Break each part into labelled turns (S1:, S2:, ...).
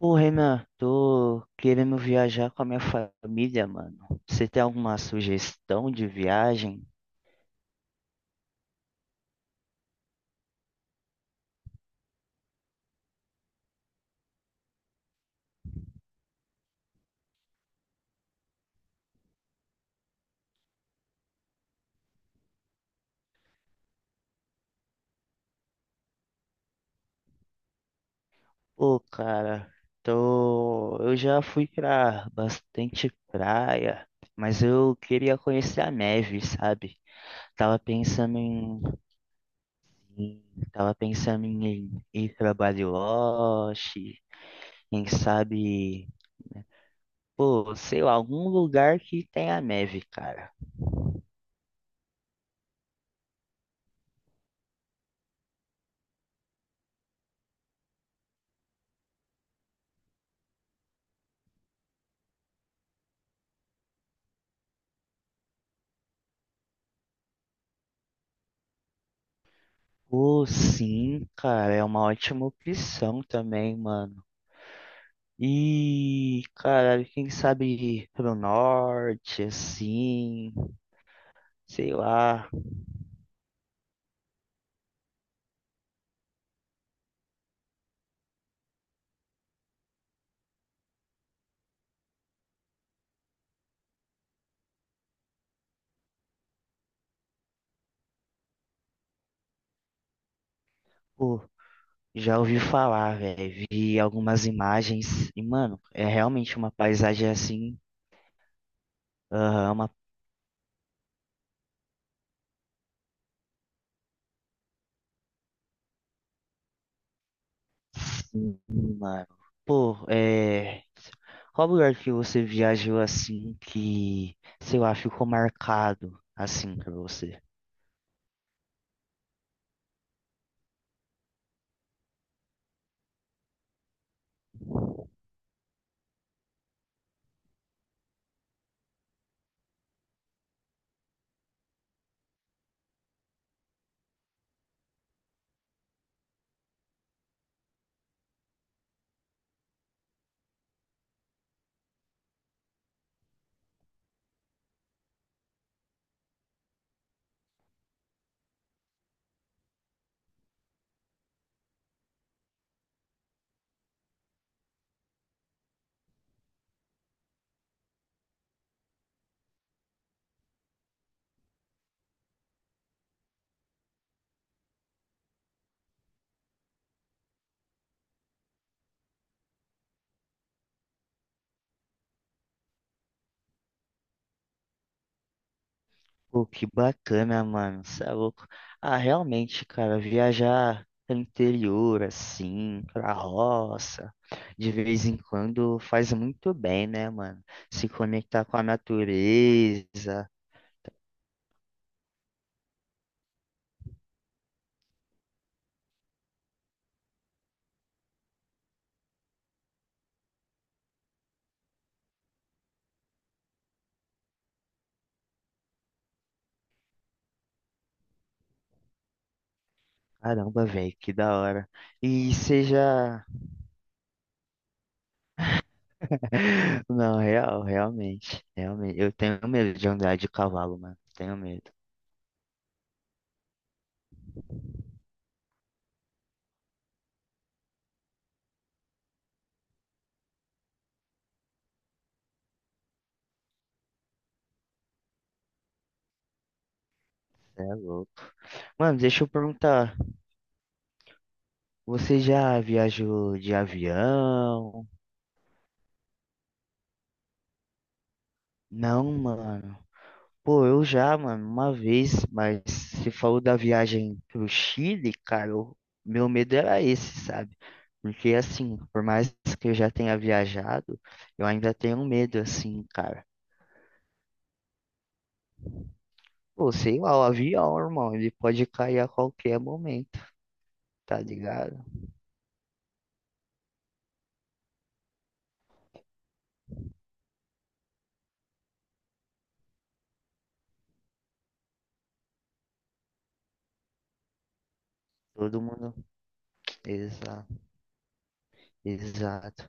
S1: Ô, Renan, tô querendo viajar com a minha família, mano. Você tem alguma sugestão de viagem? Pô, cara, tô... eu já fui pra bastante praia, mas eu queria conhecer a neve, sabe? Tava pensando em- tava pensando em ir pra Bariloche, quem sabe, pô, sei lá, algum lugar que tenha neve, cara. Pô, sim, cara, é uma ótima opção também, mano. E, cara, quem sabe pro norte, assim, sei lá. Pô, já ouvi falar, velho. Vi algumas imagens e, mano, é realmente uma paisagem assim, aham, uma. Sim, mano. Pô, é. Qual lugar que você viajou assim que, sei lá, ficou marcado assim pra você? Pô, que bacana, mano. Cê é louco. Ah, realmente, cara, viajar pro interior, assim, pra roça, de vez em quando faz muito bem, né, mano? Se conectar com a natureza. Caramba, velho, que da hora. E seja. Não, realmente. Realmente. Eu tenho medo de andar de cavalo, mano. Tenho medo. Cê é louco. Mano, deixa eu perguntar. Você já viajou de avião? Não, mano. Pô, eu já, mano, uma vez, mas você falou da viagem pro Chile, cara, o meu medo era esse, sabe? Porque assim, por mais que eu já tenha viajado, eu ainda tenho medo, assim, cara. Pô, sei lá, o avião, irmão, ele pode cair a qualquer momento, tá ligado? Todo mundo. Exato, exato.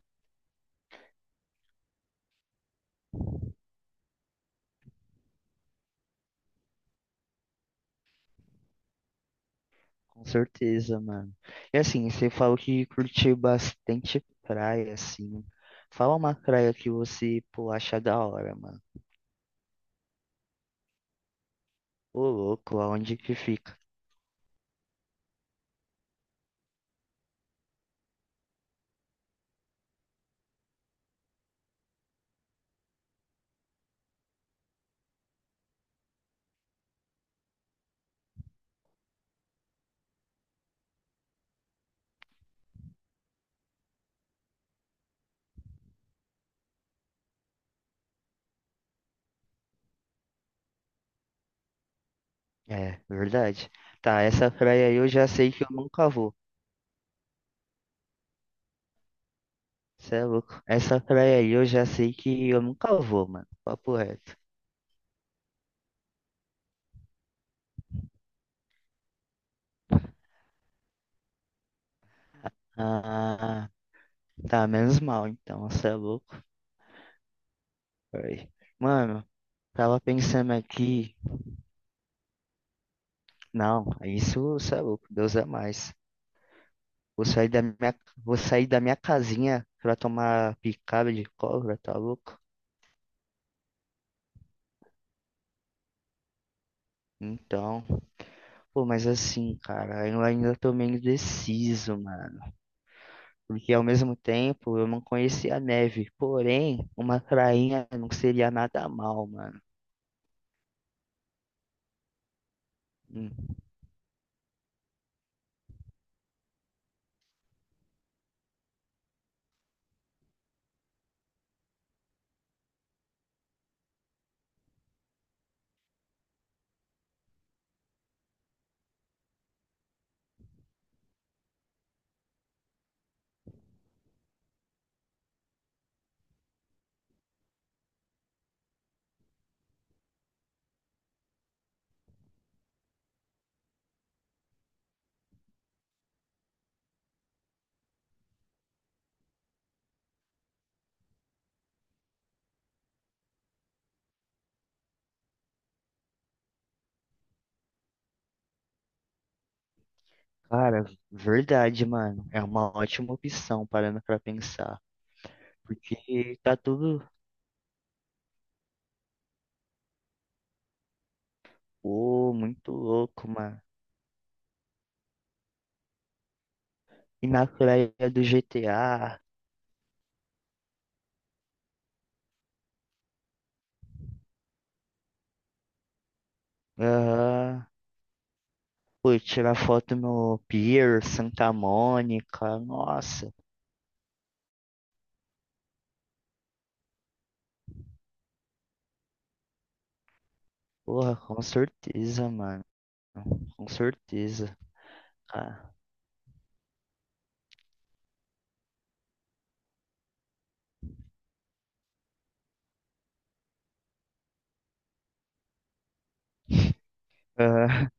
S1: Com certeza, mano. E assim, você falou que curtiu bastante praia, assim. Fala uma praia que você, pô, acha da hora, mano. Ô, louco, aonde que fica? É, verdade. Tá, essa praia aí eu já sei que eu nunca vou. Cê é louco. Essa praia aí eu já sei que eu nunca vou, mano. Papo reto. Ah, tá, menos mal então, cê é louco. Aí. Mano, tava pensando aqui. Não, isso cê é louco, Deus é mais. Vou sair da minha, Vou sair da minha casinha pra tomar picada de cobra, tá louco? Então, pô, mas assim, cara, eu ainda tô meio indeciso, mano, porque ao mesmo tempo eu não conhecia a neve, porém uma prainha não seria nada mal, mano. Hum. Cara, verdade, mano, é uma ótima opção parando pra pensar, porque tá tudo, pô, muito louco, mano. E na praia do GTA, aham, pô, tirar foto no Pier, Santa Mônica, nossa, porra, com certeza, mano, com certeza, cara.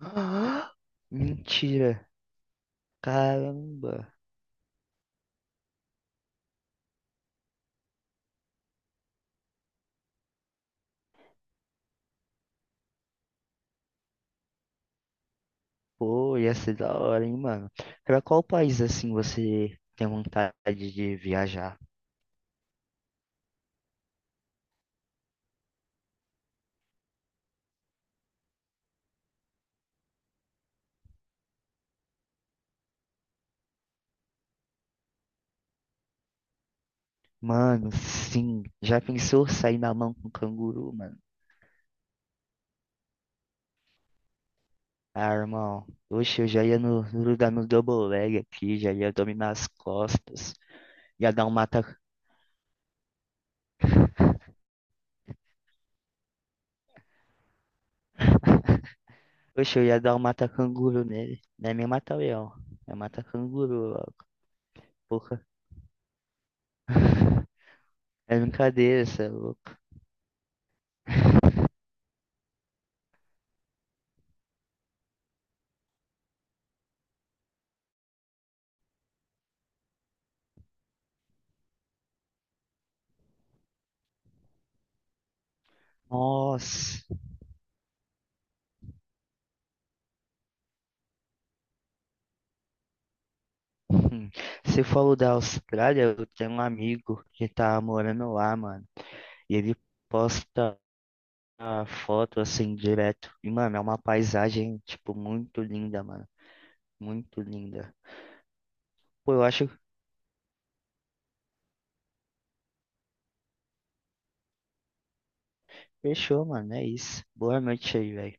S1: Ah, mentira. Caramba. Pô, ia ser da hora, hein, mano. Pra qual país assim você tem vontade de viajar? Mano, sim. Já pensou sair na mão com um canguru, mano? Ah, irmão. Oxe, eu já ia no lugar no double leg aqui, já ia dominar as costas. Ia dar um mata. Oxe, eu ia dar um mata canguru nele. Não é nem mata leão. É mata canguru, ó. Porra. É brincadeira, cê é louco. Nossa, hum, você falou da Austrália, eu tenho um amigo que tá morando lá, mano, e ele posta a foto assim direto, e mano, é uma paisagem, tipo, muito linda, mano, muito linda. Pô, eu acho que fechou, mano, é isso. Boa noite aí, velho.